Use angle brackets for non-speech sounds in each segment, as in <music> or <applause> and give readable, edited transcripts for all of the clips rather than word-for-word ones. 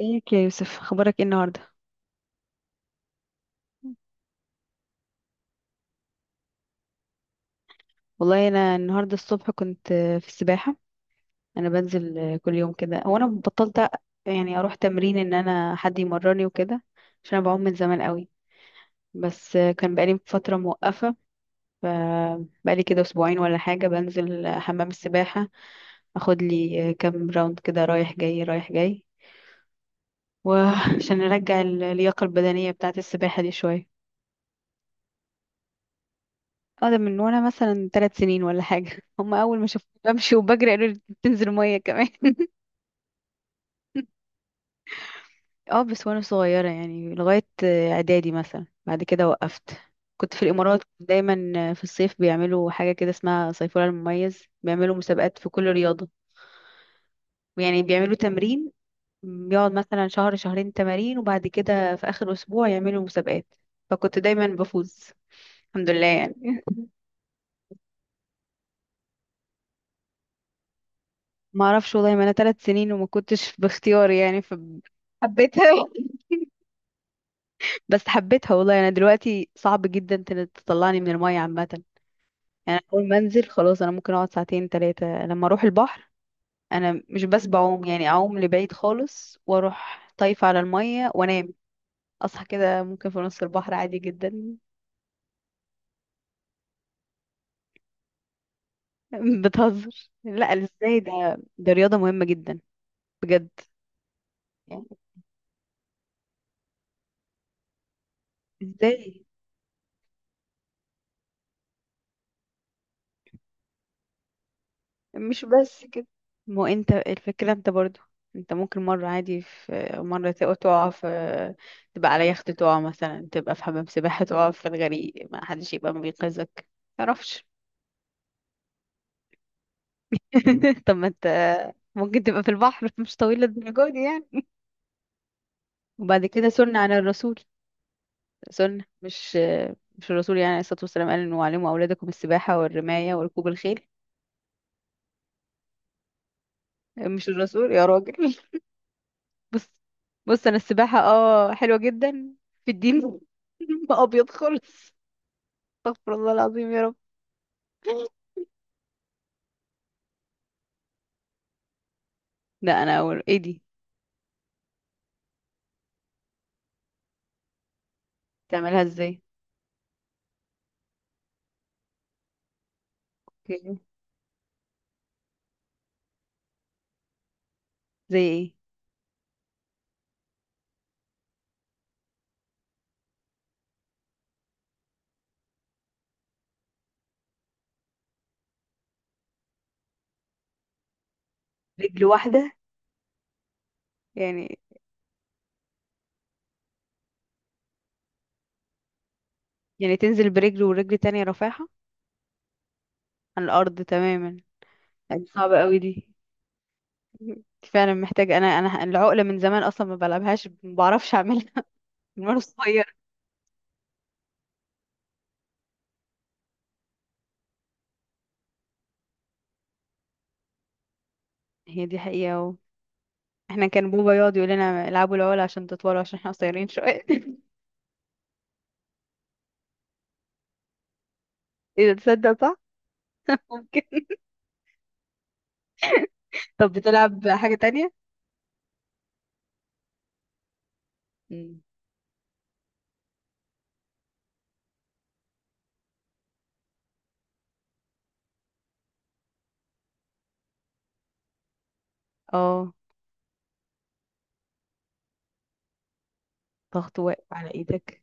ازيك يا يوسف، اخبارك ايه النهارده؟ والله انا النهارده الصبح كنت في السباحه. انا بنزل كل يوم كده. هو انا بطلت يعني اروح تمرين ان انا حد يمرني وكده، عشان انا بعوم من زمان قوي. بس كان بقالي فتره موقفه، فبقالي كده اسبوعين ولا حاجه بنزل حمام السباحه، اخد لي كام راوند كده رايح جاي رايح جاي، وعشان <laughs> ارجع اللياقه البدنيه بتاعه السباحه دي شويه. اه، ده من وانا مثلا 3 سنين ولا حاجة. <laughs> هم اول ما شافوني بمشي وبجري قالوا لي بتنزل 100 كمان. <laughs> اه بس وانا صغيرة يعني لغاية اعدادي، مثلا بعد كده وقفت. كنت في الامارات دايما، في الصيف بيعملوا حاجة كده اسمها صيفورة المميز، بيعملوا مسابقات في كل رياضة. يعني بيعملوا تمرين، بيقعد مثلا شهر شهرين تمارين، وبعد كده في اخر اسبوع يعملوا مسابقات. فكنت دايما بفوز الحمد لله يعني. <laughs> ما اعرفش والله، ما انا 3 سنين وما كنتش باختياري يعني، فحبيتها. بس حبيتها والله. انا دلوقتي صعب جدا تطلعني من المية عامة. يعني اول ما انزل خلاص انا ممكن اقعد ساعتين ثلاثة لما اروح البحر. انا مش بس بعوم، يعني اعوم لبعيد خالص، واروح طايفة على المية وانام، اصحى كده ممكن في نص البحر عادي جدا. <laughs> بتهزر، لا، ازاي ده؟ ده رياضة مهمة جدا، بجد. يعني ازاي؟ مش بس كده، ما هو انت الفكرة، انت برضو انت ممكن مرة عادي، في مرة تقع في، تبقى على يخت تقع مثلا، تبقى في حمام سباحة تقع في الغريق، ما حدش يبقى بينقذك، متعرفش. <laughs> طب ما انت ممكن تبقى في البحر مش طويل الدرجة دي يعني. وبعد كده سنة على الرسول، سنة مش، مش الرسول يعني عليه الصلاة والسلام قال انه علموا أولادكم السباحة والرماية وركوب الخيل. مش الرسول يا راجل. بص بص، انا السباحة اه حلوة جدا في الدين. <laughs> ما ابيض خالص. استغفر الله العظيم يا رب. لا، انا اول ايه دي؟ تعملها ازاي؟ اوكي. زي ايه؟ رجل واحدة؟ يعني، يعني تنزل برجل ورجل تانية رافعها عن الارض تماما؟ يعني صعبة قوي دي. <laughs> دي فعلا محتاجة. انا العقلة من زمان اصلا ما بلعبهاش، ما بعرفش اعملها. <laughs> من وانا صغير. هي دي حقيقة احنا كان بوبا يقعد يقول لنا العبوا العقلة عشان تطولوا، عشان احنا قصيرين شوية. <laughs> اذا تصدق، صح، ممكن. طب بتلعب حاجة تانية؟ مم. اه، ضغط واقف على ايدك؟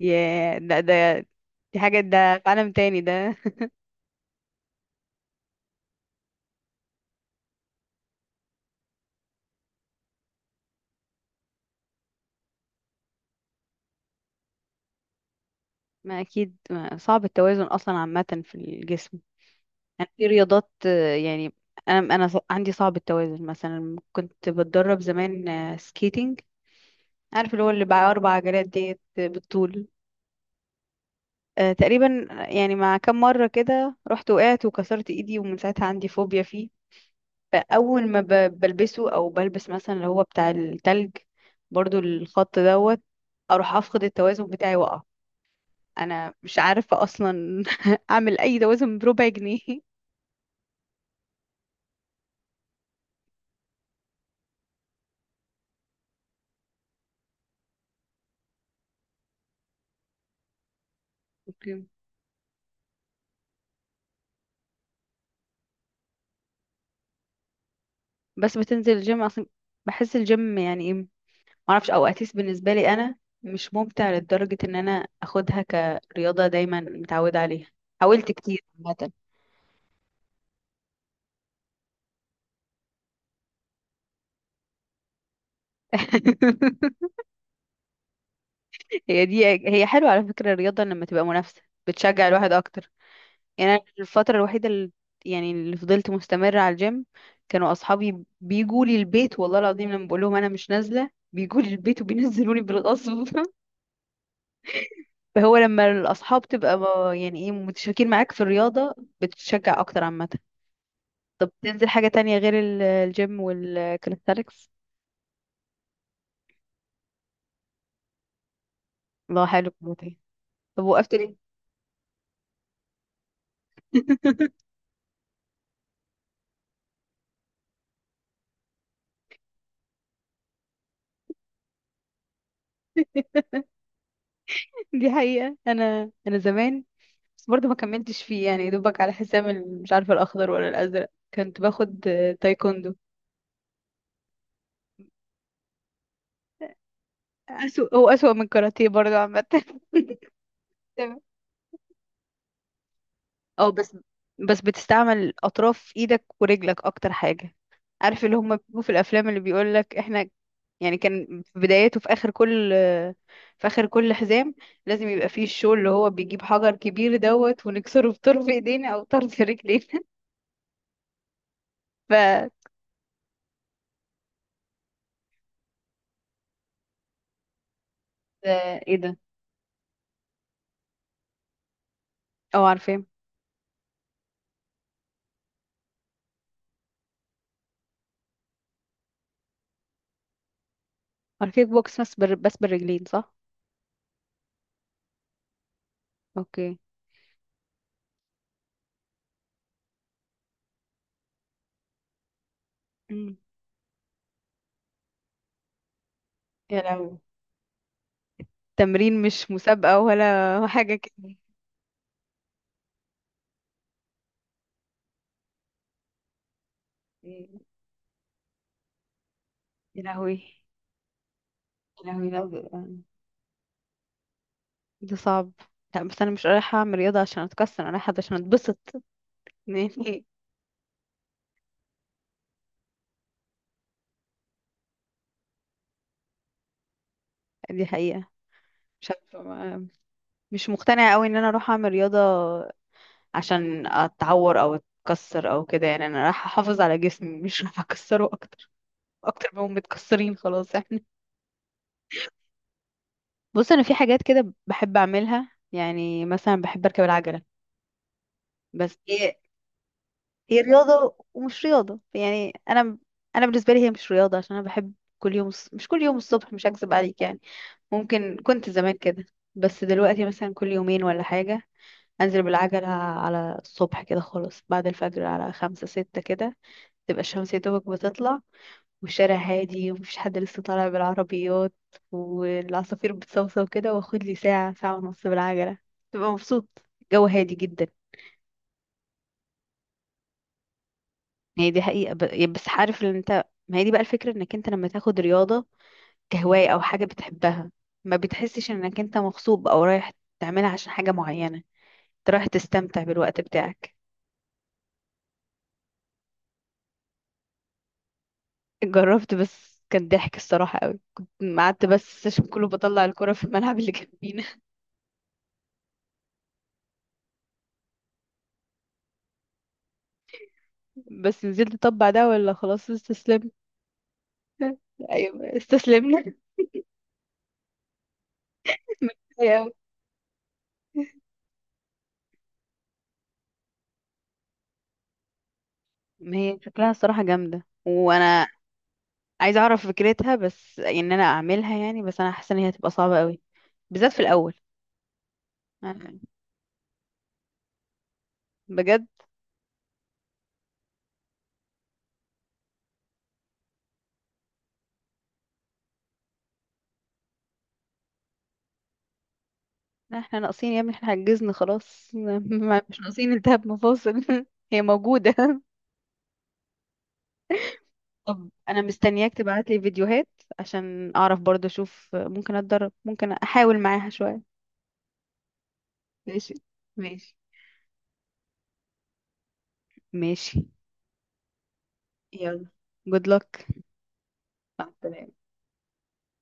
ياه، لا، ده دي حاجة، ده في عالم تاني ده. <laughs> ما اكيد ما صعب التوازن اصلا عامه في الجسم. يعني في رياضات، يعني، انا عندي صعب التوازن، مثلا كنت بتدرب زمان سكيتنج، عارف اللي هو اللي بقى 4 عجلات ديت، بالطول. تقريبا يعني، مع كم مره كده رحت وقعت وكسرت ايدي، ومن ساعتها عندي فوبيا فيه. فاول ما بلبسه، او بلبس مثلا اللي هو بتاع التلج، برضو الخط دوت، اروح افقد التوازن بتاعي واقع. انا مش عارفة اصلا <laughs> اعمل اي توازن بربع جنيه. اوكي. بس بتنزل الجيم اصلا؟ بحس الجيم يعني ايه، معرفش، او اتليست بالنسبة لي انا مش ممتع لدرجة ان انا اخدها كرياضة دايما متعودة عليها. حاولت كتير عامة. <laughs> هي دي حلوة على فكرة، الرياضة لما تبقى منافسة بتشجع الواحد اكتر. يعني أنا الفترة الوحيدة اللي، يعني اللي فضلت مستمرة على الجيم، كانوا أصحابي بيجوا لي البيت، والله العظيم لما بقول لهم أنا مش نازلة بيجوا لي البيت وبينزلوني بالغصب. <laughs> فهو لما الأصحاب تبقى يعني إيه، متشاركين معاك في الرياضة، بتتشجع أكتر عامة. تنزل حاجة تانية غير الجيم والكاليستاليكس؟ الله، حلو كلمتين. طب وقفت ليه؟ <laughs> دي حقيقة، أنا زمان بس برضه ما كملتش فيه يعني، دوبك على حسام، مش عارفة الأخضر ولا الأزرق، كنت باخد تايكوندو. أسوأ، هو أسوأ من الكاراتيه برضه عامة. <laughs> تمام. اه بس بتستعمل أطراف إيدك ورجلك أكتر حاجة. عارف اللي هما بيجوا في الأفلام اللي بيقولك إحنا، يعني كان في بدايته، في آخر كل حزام لازم يبقى فيه الشو اللي هو بيجيب حجر كبير دوت ونكسره بطرف إيدينا أو طرف رجلينا. <laughs> ف ده إيه ده؟ اه، عارفاه. عارفاه، كيك بوكس، بس بس بالرجلين صح؟ أوكي. مم. يا لهوي، تمرين مش مسابقة ولا حاجة كده؟ يا لهوي. يا لهوي، لا، ده صعب. لا بس انا مش رايحه اعمل رياضه عشان اتكسر، انا رايحه عشان اتبسط. <laughs> يعني. دي حقيقه. مش عارفه، مش مقتنعه قوي ان انا اروح اعمل رياضه عشان اتعور او اتكسر او كده، يعني انا رايحه احافظ على جسمي، مش رايحه اكسره اكتر، اكتر ما هم متكسرين خلاص احنا. بص، انا في حاجات كده بحب اعملها، يعني مثلا بحب اركب العجله. بس دي هي رياضة ومش رياضة يعني. أنا، أنا بالنسبة لي هي مش رياضة عشان أنا بحب. كل يوم مش كل يوم الصبح، مش هكذب عليك يعني، ممكن كنت زمان كده، بس دلوقتي مثلا كل يومين ولا حاجة أنزل بالعجلة. على الصبح كده خالص، بعد الفجر على 5، 6 كده، تبقى الشمس يا دوبك بتطلع، والشارع هادي ومفيش حد لسه طالع بالعربيات، والعصافير بتصوصو كده، واخد لي ساعة ساعة ونص بالعجلة، تبقى مبسوط، الجو هادي جدا. هي دي حقيقة، بس عارف ان انت، ما هي دي بقى الفكرة، انك انت لما تاخد رياضة كهواية او حاجة بتحبها، ما بتحسش انك انت مغصوب او رايح تعملها عشان حاجة معينة، انت رايح تستمتع بالوقت بتاعك. جربت بس كان ضحك الصراحة قوي، كنت قعدت بس السيشن كله بطلع الكرة في الملعب اللي جنبينا. <laughs> بس نزلت طبع ده، ولا خلاص استسلمت؟ <laughs> ايوه، استسلمنا. ايوه. ما هي شكلها الصراحة جامدة، وانا عايزة اعرف فكرتها، بس يعني ان انا اعملها يعني، بس انا حاسة ان هي هتبقى صعبة قوي بالذات في الاول. يعني، بجد. احنا ناقصين يا ابني؟ احنا عجزنا خلاص. <laughs> مش ناقصين التهاب مفاصل. <laughs> هي موجودة. طب انا مستنياك تبعت لي فيديوهات عشان اعرف برضه اشوف ممكن اتدرب، ممكن احاول معاها شوية. ماشي ماشي ماشي. يلا، good luck. مع السلامة.